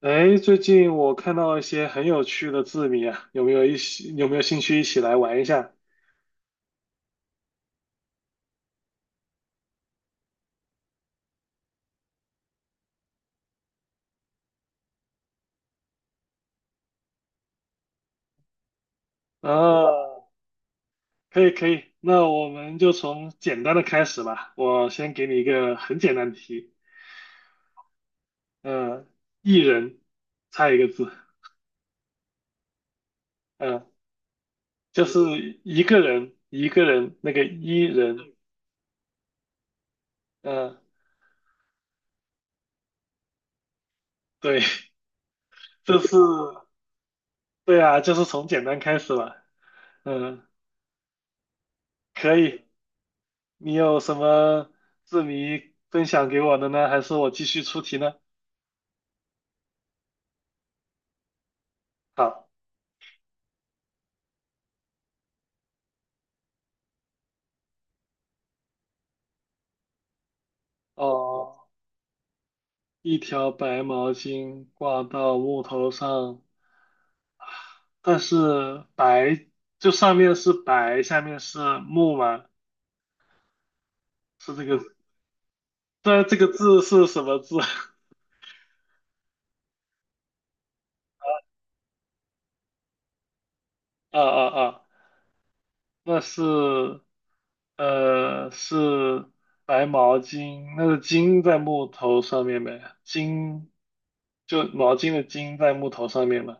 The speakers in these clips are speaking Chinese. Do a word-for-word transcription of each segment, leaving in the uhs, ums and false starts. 哎，最近我看到一些很有趣的字谜啊，有没有一起，有没有兴趣一起来玩一下？啊，可以可以，那我们就从简单的开始吧。我先给你一个很简单的题，嗯、一人猜一个字，嗯、就是一个人一个人那个一人，嗯、对，这是对啊，就是从简单开始吧。嗯、可以，你有什么字谜分享给我的呢？还是我继续出题呢？好，哦，一条白毛巾挂到木头上，但是白就上面是白，下面是木嘛，是这个，但这个字是什么字？啊啊啊，那是，呃，是白毛巾，那个巾在木头上面呗，巾就毛巾的巾在木头上面嘛。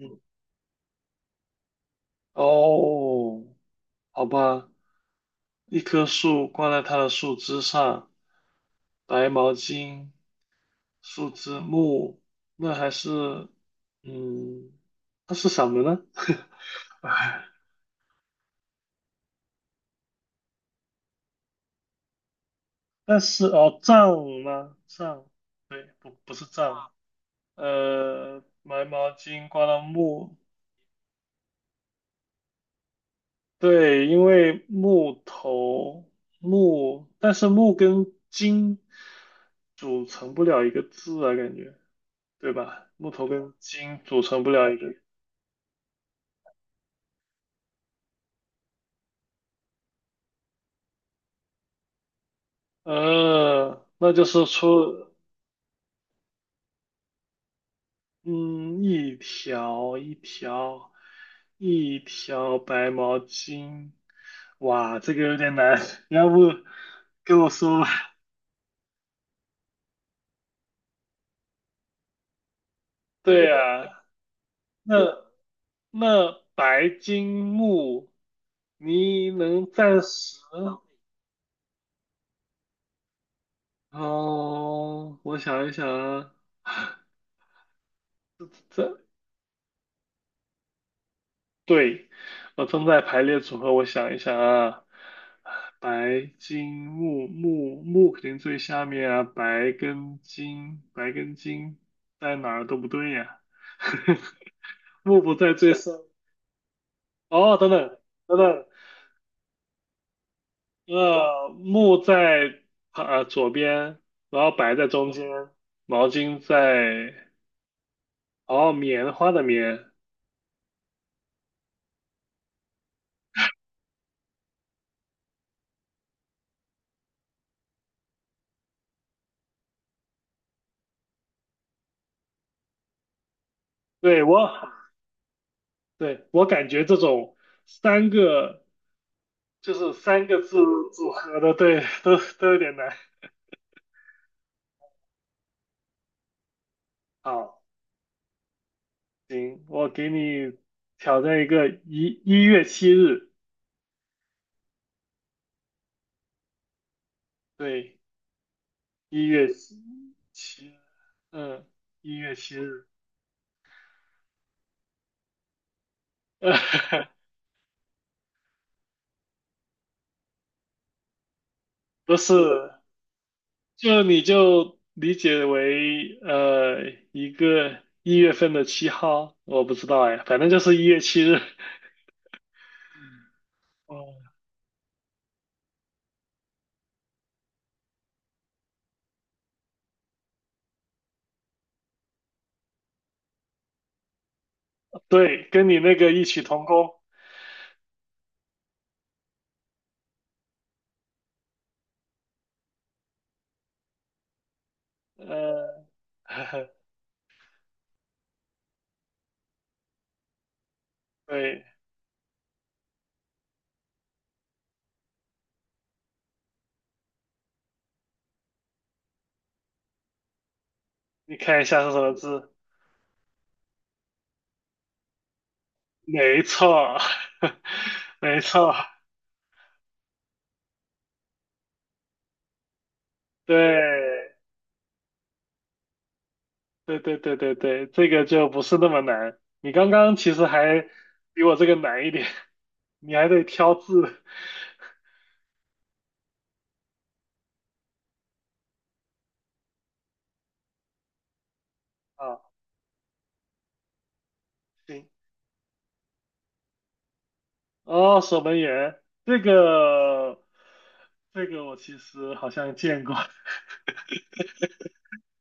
嗯，哦，好吧。一棵树挂在它的树枝上，白毛巾、树枝木，那还是，嗯，它是什么呢？哎，但是哦，杖吗？杖，对，不，不是杖，呃，白毛巾挂到木，对，因为木头木，但是木跟筋组成不了一个字啊，感觉，对吧？木头跟筋组成不了一个。呃，那就是出，嗯，一条一条一条白毛巾，哇，这个有点难，要不跟我说吧？对呀，那那白金木，你能暂时？哦，我想一想啊，这对，我正在排列组合，我想一想啊，白金木木木肯定最下面啊，白跟金白跟金在哪儿都不对呀、木不在最上，哦，等等等等，呃，木在呃左边，然后白在中间，毛巾在，哦，棉花的棉，对我，对我感觉这种三个。就是三个字组合的，对，都都有点难。好，行，我给你挑战一个一一月七日，对，一月七嗯，一月七日，不是，就你就理解为呃一个一月份的七号，我不知道哎，反正就是一月七日。哦，对，跟你那个异曲同工。呃，对，你看一下是什么字？没错，没错，对，对对对对对，这个就不是那么难。你刚刚其实还比我这个难一点，你还得挑字啊。行，哦，守门员，这个，这个我其实好像见过，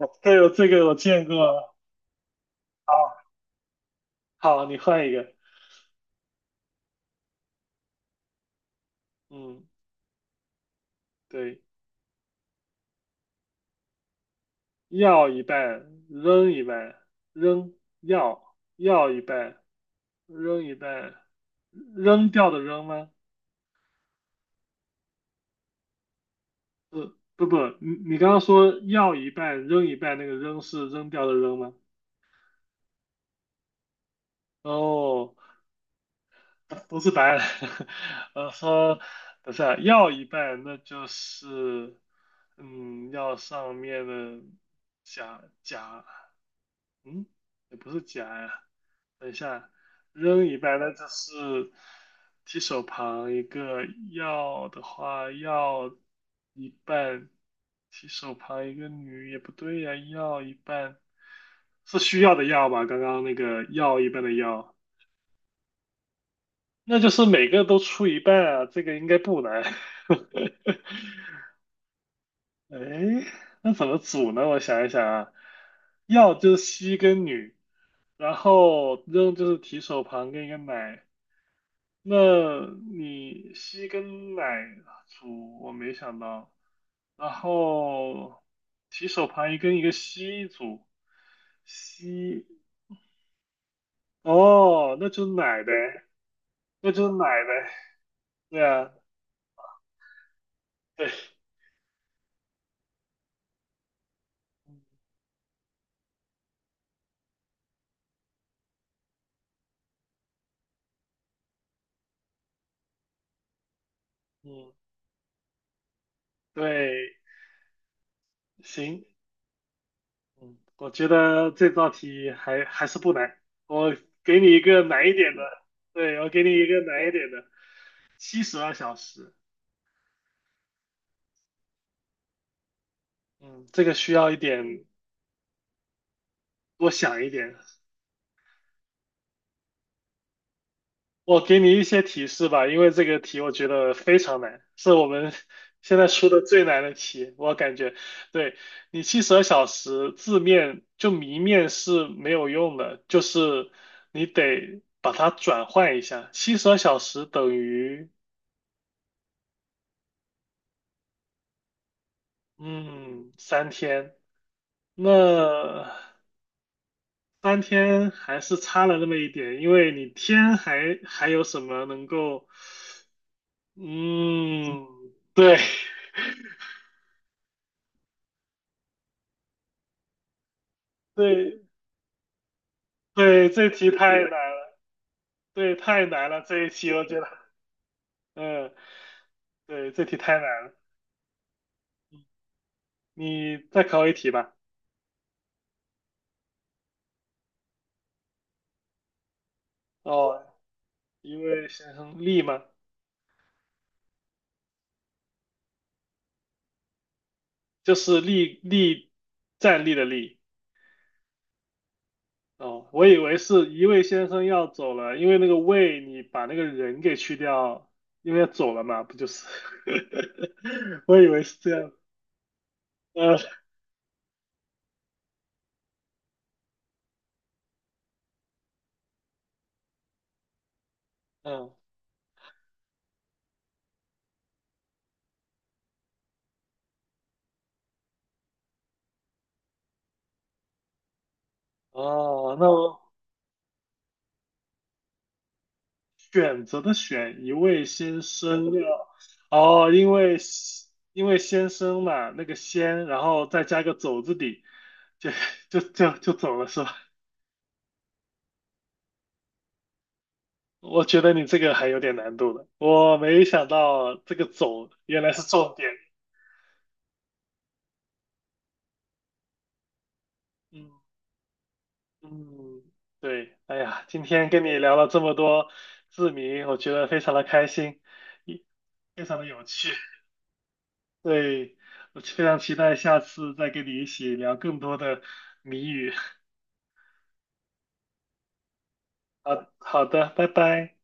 对，我这个我见过。好，好，你换一个，嗯，对。要一半，扔一半，扔要要一半，扔一半，扔掉的扔吗？不不，你你刚刚说要一半，扔一半，那个扔是扔掉的扔吗？哦，不是白。案。呃，说不是啊，要一半，那就是嗯，要上面的甲甲嗯，也不是夹呀。等一下，扔一半，那就是提手旁一个要的话，要一半，提手旁一个女也不对呀，要一半是需要的要吧？刚刚那个要一半的要，那就是每个都出一半啊，这个应该不难。哎，那怎么组呢？我想一想啊，要就是西跟女，然后扔就是提手旁跟一个奶，那你吸跟奶组我没想到，然后提手旁一跟一个吸组，吸，哦，那就是奶呗，那就是奶呗，对啊，对，嗯，对，行，嗯，我觉得这道题还还是不难，我给你一个难一点的，对，我给你一个难一点的，七十二小时，嗯，这个需要一点多想一点。我给你一些提示吧，因为这个题我觉得非常难，是我们 现在出的最难的题，我感觉。对，你七十二小时字面就谜面是没有用的，就是你得把它转换一下。七十二小时等于嗯三天，那三天还是差了那么一点，因为你天还还有什么能够嗯对。对，对，这题太难了，对，太难了，这一题我觉得，嗯，对，这题太难了。你再考一题吧。哦，一位先生力吗？就是力力站立的立。哦，我以为是一位先生要走了，因为那个位你把那个人给去掉，因为要走了嘛，不就是？我以为是这样。呃，嗯，哦，那我。选择的选一位先生那个哦，因为因为先生嘛，那个先，然后再加个走字底，就就就就走了是吧？我觉得你这个还有点难度的，我没想到这个走原来是重点。嗯嗯，对，哎呀，今天跟你聊了这么多字谜，我觉得非常的开心，也非常的有趣。对，我非常期待下次再跟你一起聊更多的谜语。好好的，拜拜。